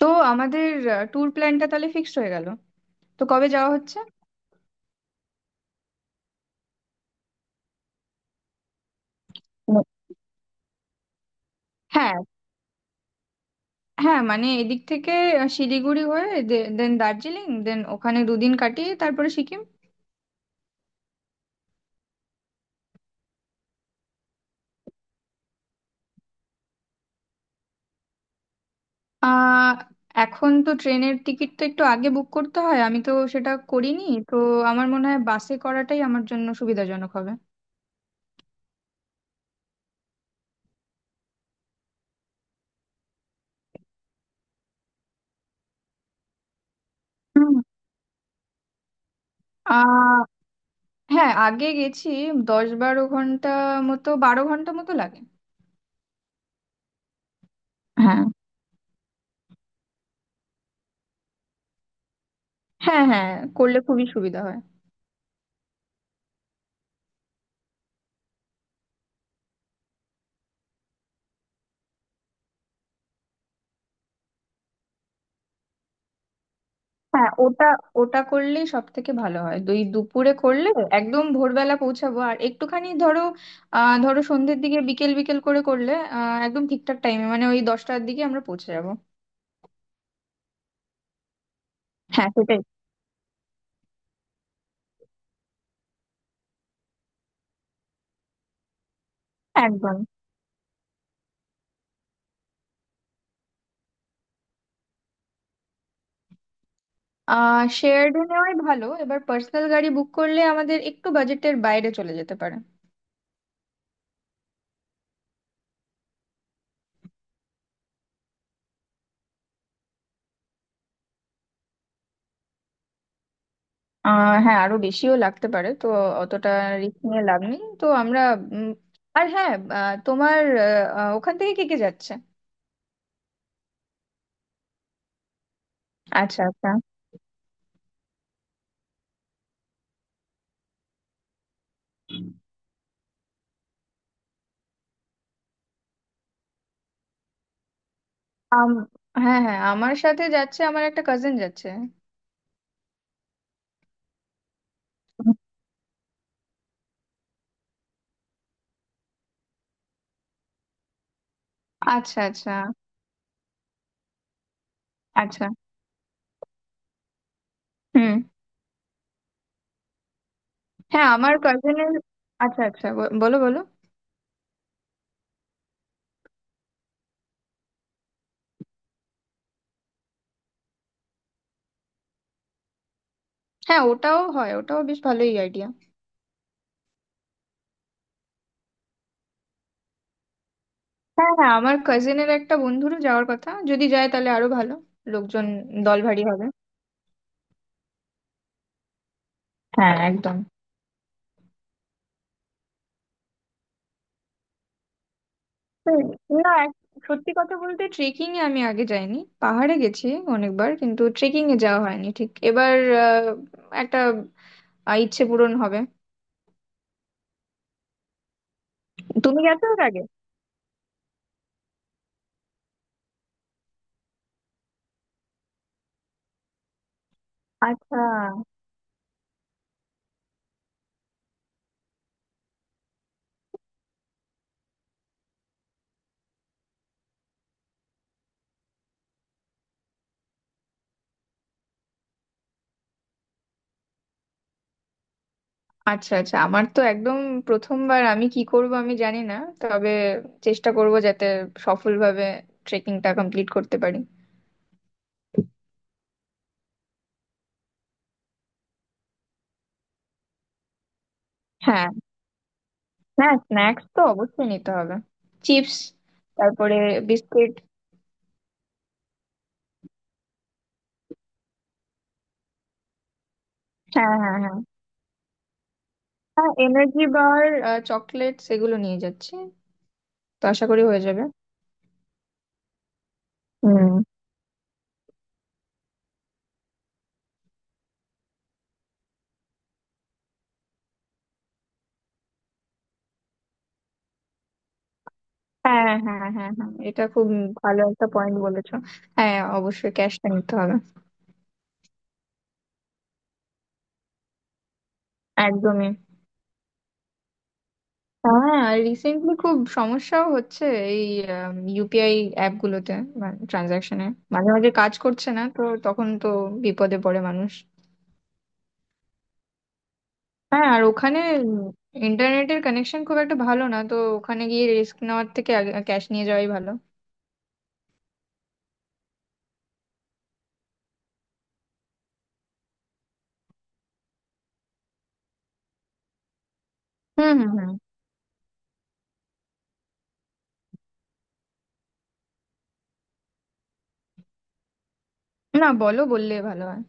তো আমাদের ট্যুর প্ল্যানটা তাহলে ফিক্সড হয়ে গেল। তো কবে যাওয়া হচ্ছে? ম- হ্যাঁ হ্যাঁ, মানে এদিক থেকে শিলিগুড়ি হয়ে দেন দার্জিলিং দেন ওখানে দুদিন কাটিয়ে তারপরে সিকিম। আহ এখন তো ট্রেনের টিকিটটা একটু আগে বুক করতে হয়, আমি তো সেটা করিনি। তো আমার মনে হয় বাসে করাটাই আমার জন্য সুবিধাজনক হবে। হুম। আহ হ্যাঁ, আগে গেছি। 10-12 ঘন্টা মতো, 12 ঘন্টা মতো লাগে। হ্যাঁ হ্যাঁ হ্যাঁ, করলে খুবই সুবিধা হয়। হ্যাঁ ওটা, ওটা করলেই সব থেকে ভালো হয়, দুই দুপুরে করলে একদম ভোরবেলা পৌঁছাবো আর একটুখানি ধরো ধরো সন্ধ্যের দিকে, বিকেল বিকেল করে করলে একদম ঠিকঠাক টাইমে মানে ওই 10টার দিকে আমরা পৌঁছে যাবো। হ্যাঁ সেটাই। একদম। শেয়ার্ড নেওয়াই ভালো, এবার পার্সোনাল গাড়ি বুক করলে আমাদের একটু বাজেটের বাইরে চলে যেতে পারে। হ্যাঁ, আরো বেশিও লাগতে পারে তো। অতটা রিস্ক নিয়ে লাভ নেই তো আমরা। উম, আর হ্যাঁ, আহ, তোমার আহ, আহ, ওখান থেকে কে কে যাচ্ছে? আচ্ছা আচ্ছা। আম হ্যাঁ হ্যাঁ, আমার সাথে যাচ্ছে, আমার একটা কাজিন যাচ্ছে। আচ্ছা আচ্ছা আচ্ছা। হুম। হ্যাঁ আমার কাজিনের আচ্ছা আচ্ছা বলো বলো। হ্যাঁ ওটাও হয়, ওটাও বেশ ভালোই আইডিয়া। হ্যাঁ হ্যাঁ, আমার কাজিনের একটা বন্ধুরও যাওয়ার কথা, যদি যায় তাহলে আরো ভালো, লোকজন দল ভারী হবে। হ্যাঁ একদম। হুম। না এক- সত্যি কথা বলতে ট্রেকিং এ আমি আগে যাইনি। পাহাড়ে গেছি অনেকবার, কিন্তু ট্রেকিং এ যাওয়া হয়নি ঠিক। এবার আহ, একটা ইচ্ছে পূরণ হবে। তুমি গেছো এর আগে? আচ্ছা আচ্ছা। আচ্ছা, আমার তো একদম প্রথমবার, আমি কি করব আমি জানি না, তবে চেষ্টা করব যাতে সফলভাবে ট্রেকিংটা কমপ্লিট করতে পারি। হ্যাঁ হ্যাঁ, স্ন্যাক্স তো অবশ্যই নিতে হবে। চিপস, তারপরে বিস্কিট। হ্যাঁ হ্যাঁ হ্যাঁ হ্যাঁ, এনার্জি বার, চকলেটস এগুলো নিয়ে যাচ্ছি। তো আশা করি হয়ে যাবে। হুম। হ্যাঁ হ্যাঁ হ্যাঁ হ্যাঁ, এটা খুব ভালো একটা পয়েন্ট বলেছো। হ্যাঁ অবশ্যই ক্যাশটা নিতে হবে। একদমই। হ্যাঁ, রিসেন্টলি খুব সমস্যাও হচ্ছে এই ইউপিআই অ্যাপ গুলোতে, ট্রানজাকশনে মাঝে মাঝে কাজ করছে না, তো তখন তো বিপদে পড়ে মানুষ। হ্যাঁ, আর ওখানে ইন্টারনেটের কানেকশন খুব একটা ভালো না, তো ওখানে গিয়ে রিস্ক নেওয়ার থেকে ক্যাশ নিয়ে যাওয়াই ভালো। হুম হুম হুম। না বলো, বললে ভালো হয়।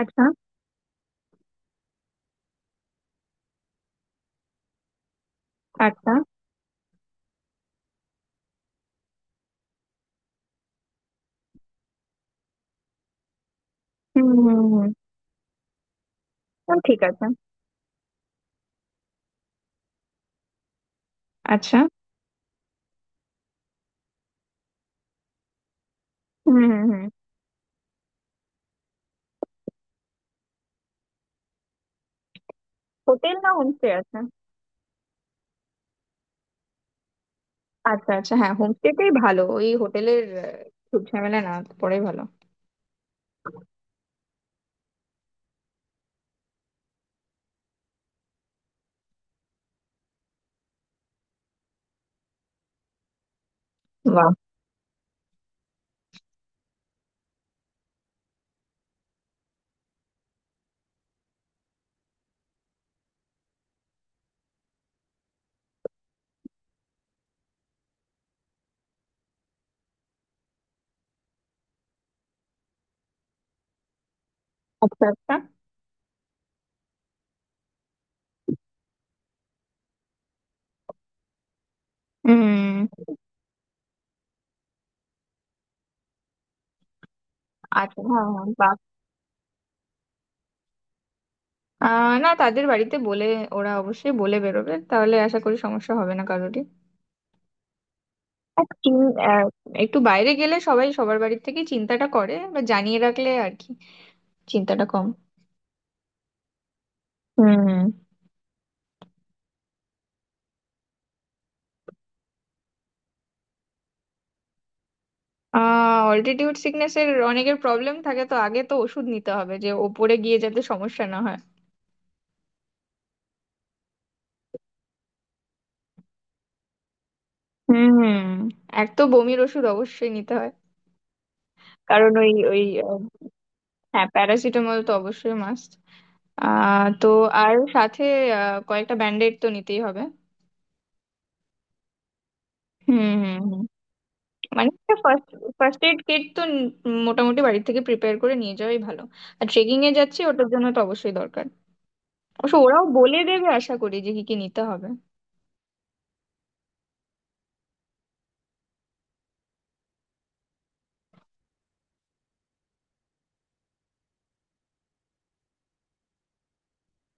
আচ্ছা আচ্ছা। হুম হুম হুম। ও, ঠিক আছে। আচ্ছা। হুম হুম হুম। হোটেল না হোমস্টে আছে? আচ্ছা আচ্ছা, হ্যাঁ হোমস্টেটাই ভালো, ওই হোটেলের খুব ঝামেলা, না পড়ে ভালো। আচ্ছা আচ্ছা। হুম। আচ্ছা হ্যাঁ হ্যাঁ, বাহ। না তাদের বাড়িতে বলে, ওরা অবশ্যই বলে বেরোবে তাহলে, আশা করি সমস্যা হবে না কারোরই। আর চিন- আহ, একটু বাইরে গেলে সবাই সবার বাড়ির থেকে চিন্তাটা করে, বা জানিয়ে রাখলে আর কি চিন্তাটা কম। হুম। অল্টিটিউড সিকনেস এর অনেকের প্রবলেম থাকে, তো আগে তো ওষুধ নিতে হবে যে ওপরে গিয়ে যাতে সমস্যা না হয়। হুম। এক তো বমির ওষুধ অবশ্যই নিতে হয়। কারণ ওই ওই আহ, হ্যাঁ প্যারাসিটামল তো অবশ্যই মাস্ট। তো আর সাথে কয়েকটা ব্যান্ডেড তো নিতেই হবে। হুম হুম হুম। মানে ফার্স্ট ফার্স্ট এড কিট তো মোটামুটি বাড়ি থেকে প্রিপেয়ার করে নিয়ে যাওয়াই ভালো। আর ট্রেকিং এ যাচ্ছি, ওটার জন্য তো অবশ্যই দরকার। অবশ্য ওরাও বলে দেবে আশা করি যে কি কি নিতে হবে।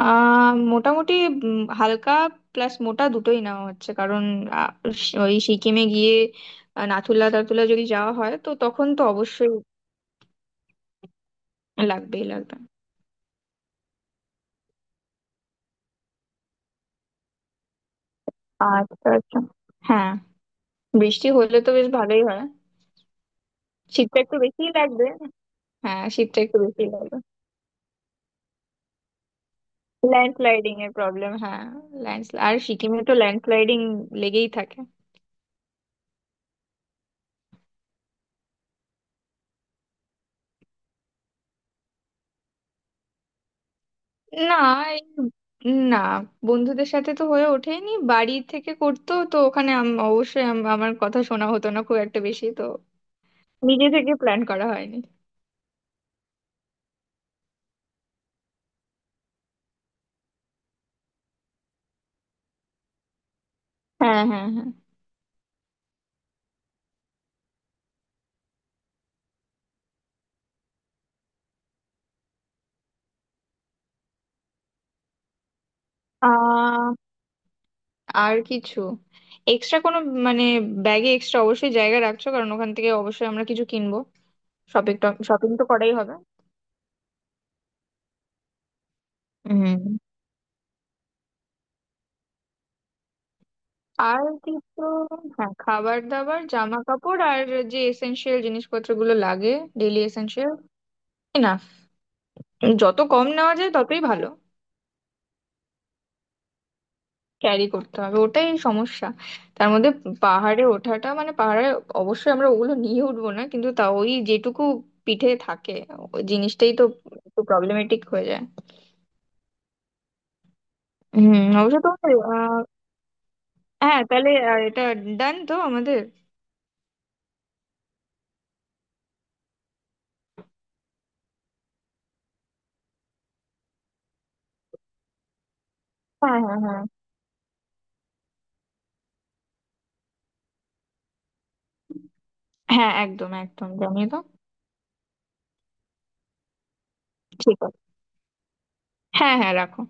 মোটামুটি হালকা প্লাস মোটা দুটোই নেওয়া হচ্ছে, কারণ আহ, ওই সিকিমে গিয়ে নাথুলা টাথুলা যদি যাওয়া হয় তো তখন তো অবশ্যই লাগবেই লাগবে। আচ্ছা আচ্ছা। হ্যাঁ বৃষ্টি হলে তো বেশ ভালোই হয়। শীতটা একটু বেশিই লাগবে। হ্যাঁ শীতটা একটু বেশি লাগবে। ল্যান্ডস্লাইডিং এর প্রবলেম, হ্যাঁ। ল্যান্ড, আর সিকিমে তো ল্যান্ডস্লাইডিং লেগেই থাকে। না এই- না, বন্ধুদের সাথে তো হয়ে ওঠেনি, বাড়ি থেকে করতো তো ওখানে অবশ্যই আমার কথা শোনা হতো না খুব একটা বেশি, তো নিজে থেকে প্ল্যান করা হয়নি। হ্যাঁ হ্যাঁ হ্যাঁ। আহ, আর কিছু এক্সট্রা কোনো, মানে ব্যাগে এক্সট্রা অবশ্যই জায়গা রাখছো, কারণ ওখান থেকে অবশ্যই আমরা কিছু কিনবো। শপিং, শপিং তো করাই হবে। হুম। আর কিন্তু হ্যাঁ, খাবার দাবার, জামা কাপড় আর যে এসেনশিয়াল জিনিসপত্রগুলো লাগে, ডেলি এসেনশিয়াল। না, যত কম নেওয়া যায় ততই ভালো। ক্যারি করতে হবে ওটাই সমস্যা, তার মধ্যে পাহাড়ে ওঠাটা, মানে পাহাড়ে অবশ্যই আমরা ওগুলো নিয়ে উঠবো না, কিন্তু তা ওই যেটুকু পিঠে থাকে ওই জিনিসটাই তো একটু প্রবলেমেটিক হয়ে যায়। হুম, অবশ্য তোমার হ্যাঁ তাহলে এটা ডান তো আমাদের। হ্যাঁ হ্যাঁ হ্যাঁ হ্যাঁ, একদম একদম জানিয়ে দাও। ঠিক আছে। হ্যাঁ হ্যাঁ, রাখো।